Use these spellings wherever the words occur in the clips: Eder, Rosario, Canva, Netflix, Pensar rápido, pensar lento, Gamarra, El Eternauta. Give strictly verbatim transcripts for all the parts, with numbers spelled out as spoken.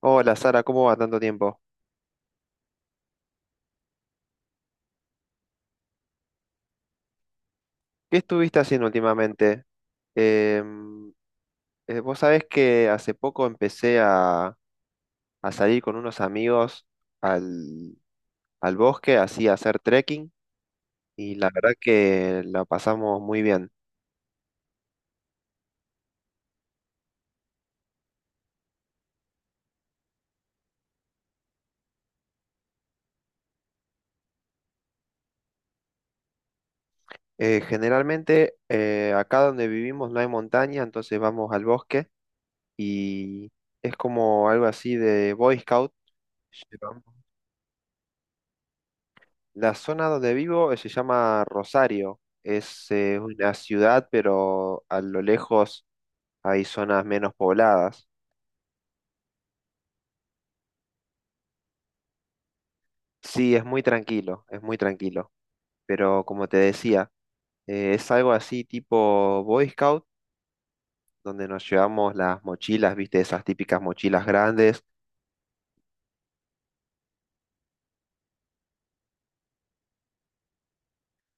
Hola Sara, ¿cómo va? Tanto tiempo. ¿Qué estuviste haciendo últimamente? Em, eh, vos sabés que hace poco empecé a, a salir con unos amigos al, al bosque, así a hacer trekking, y la verdad que la pasamos muy bien. Eh, generalmente eh, acá donde vivimos no hay montaña, entonces vamos al bosque y es como algo así de Boy Scout. La zona donde vivo eh, se llama Rosario. Es eh, una ciudad, pero a lo lejos hay zonas menos pobladas. Sí, es muy tranquilo, es muy tranquilo. Pero como te decía, eh, es algo así tipo Boy Scout, donde nos llevamos las mochilas, viste, esas típicas mochilas grandes.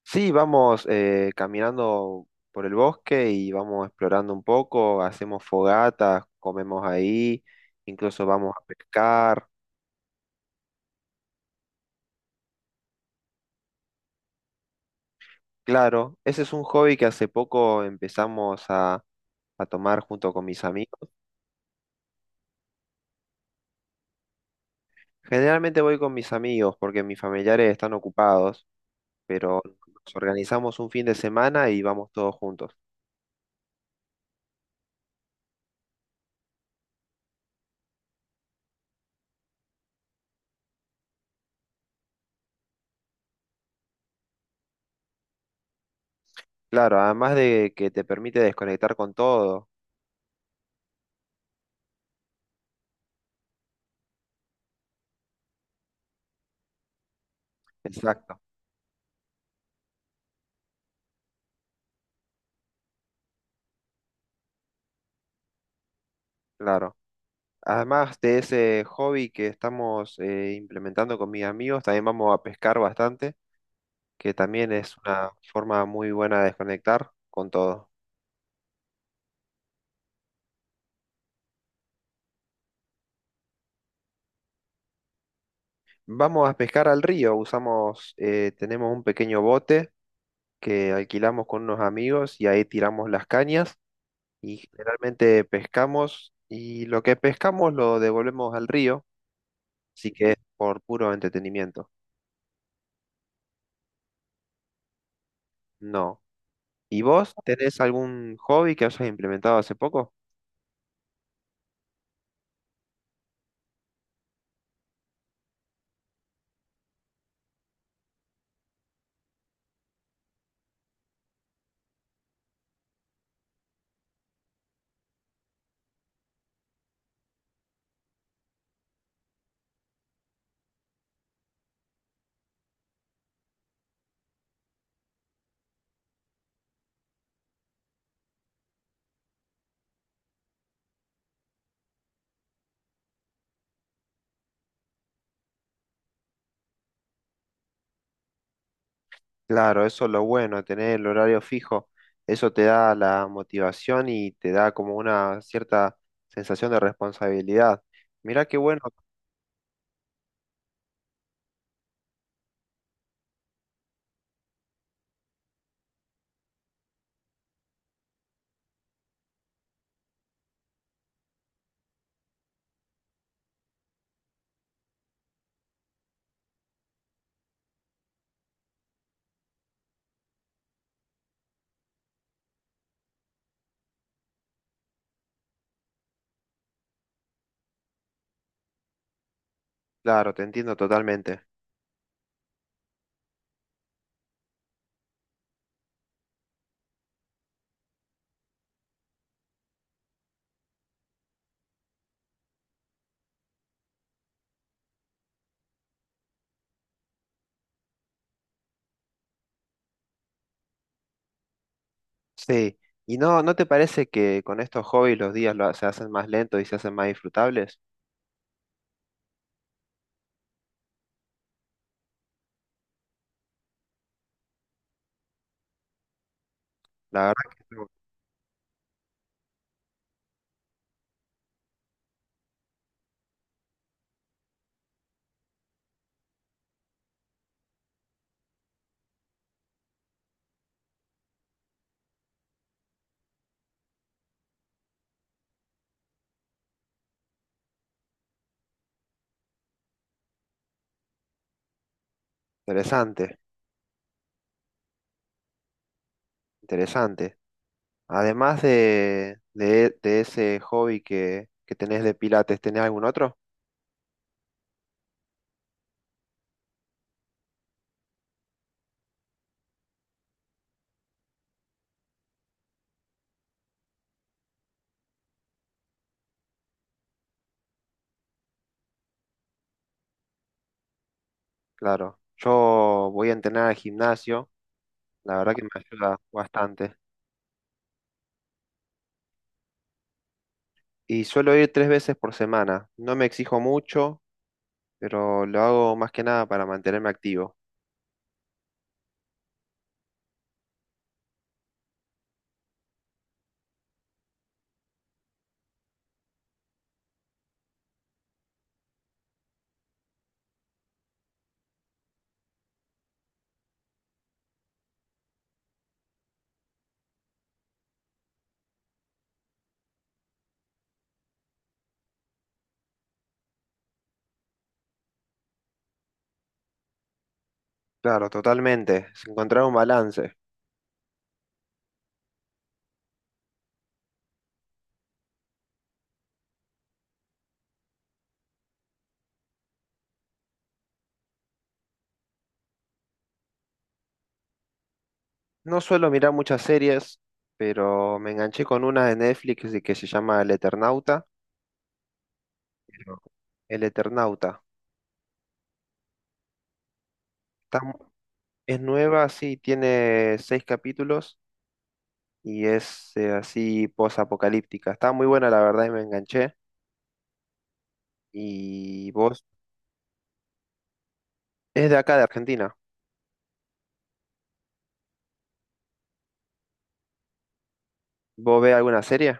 Sí, vamos eh, caminando por el bosque y vamos explorando un poco, hacemos fogatas, comemos ahí, incluso vamos a pescar. Claro, ese es un hobby que hace poco empezamos a, a tomar junto con mis amigos. Generalmente voy con mis amigos porque mis familiares están ocupados, pero nos organizamos un fin de semana y vamos todos juntos. Claro, además de que te permite desconectar con todo. Exacto, claro. Además de ese hobby que estamos eh, implementando con mis amigos, también vamos a pescar bastante, que también es una forma muy buena de desconectar con todo. Vamos a pescar al río, usamos, eh, tenemos un pequeño bote que alquilamos con unos amigos y ahí tiramos las cañas y generalmente pescamos, y lo que pescamos lo devolvemos al río, así que es por puro entretenimiento. No. ¿Y vos tenés algún hobby que hayas implementado hace poco? Claro, eso es lo bueno, tener el horario fijo, eso te da la motivación y te da como una cierta sensación de responsabilidad. Mirá qué bueno, claro, te entiendo totalmente. Sí, ¿y no, no te parece que con estos hobbies los días lo- se hacen más lentos y se hacen más disfrutables? La verdad que es interesante, interesante. Además de, de, de ese hobby que, que tenés de pilates, ¿tenés algún otro? Claro, yo voy a entrenar al gimnasio, la verdad que me ayuda bastante. Y suelo ir tres veces por semana, no me exijo mucho, pero lo hago más que nada para mantenerme activo. Claro, totalmente, es encontrar un balance. No suelo mirar muchas series, pero me enganché con una de Netflix y que se llama El Eternauta. Pero- El Eternauta. Está mu- es nueva, sí, tiene seis capítulos y es eh, así posapocalíptica. Está muy buena, la verdad, y me enganché. Y vos, es de acá, de Argentina. ¿Vos ves alguna serie?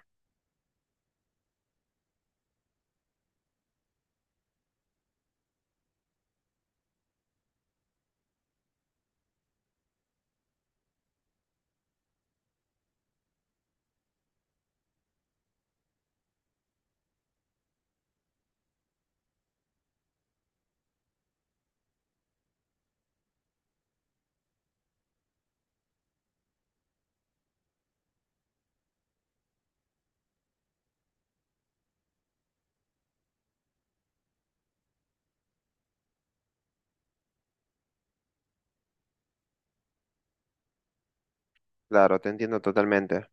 Claro, te entiendo totalmente.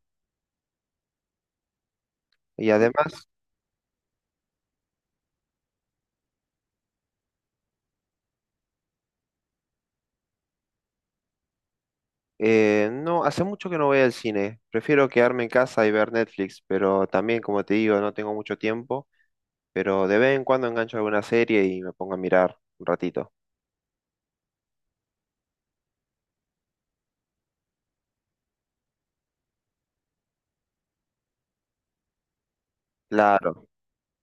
Y además, eh, no, hace mucho que no voy al cine. Prefiero quedarme en casa y ver Netflix, pero también, como te digo, no tengo mucho tiempo. Pero de vez en cuando engancho alguna serie y me pongo a mirar un ratito. Claro,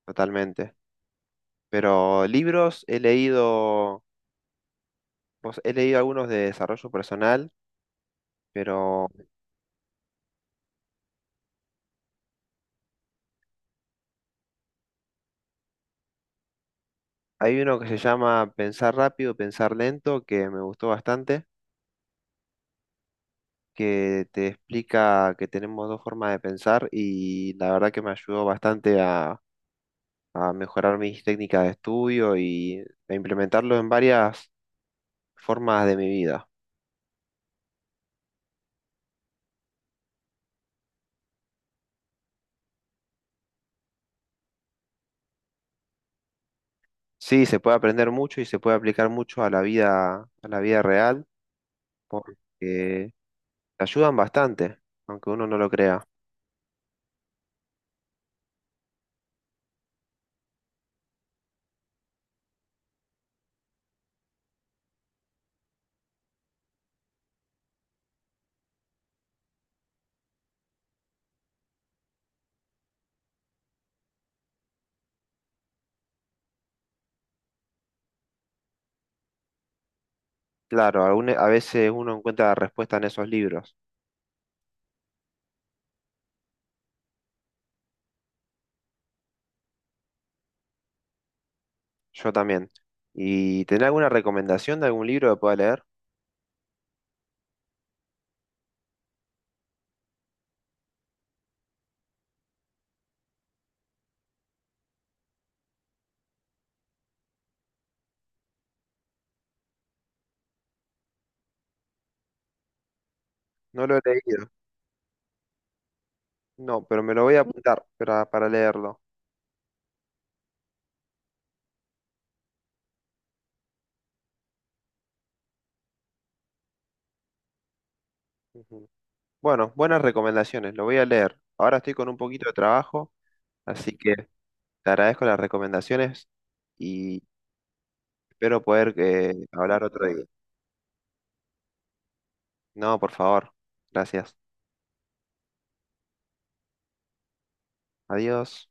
totalmente. Pero libros he leído, pues, he leído algunos de desarrollo personal, pero hay uno que se llama Pensar rápido, pensar lento, que me gustó bastante, que te explica que tenemos dos formas de pensar y la verdad que me ayudó bastante a, a mejorar mis técnicas de estudio y a implementarlo en varias formas de mi vida. Sí, se puede aprender mucho y se puede aplicar mucho a la vida, a la vida real, porque te ayudan bastante, aunque uno no lo crea. Claro, alguna a veces uno encuentra respuesta en esos libros, yo también. ¿Y tenés alguna recomendación de algún libro que pueda leer? No lo he leído, no, pero me lo voy a apuntar para, para leerlo. Ujú. Bueno, buenas recomendaciones, lo voy a leer. Ahora estoy con un poquito de trabajo, así que te agradezco las recomendaciones y espero poder eh, hablar otro día. No, por favor. Gracias. Adiós.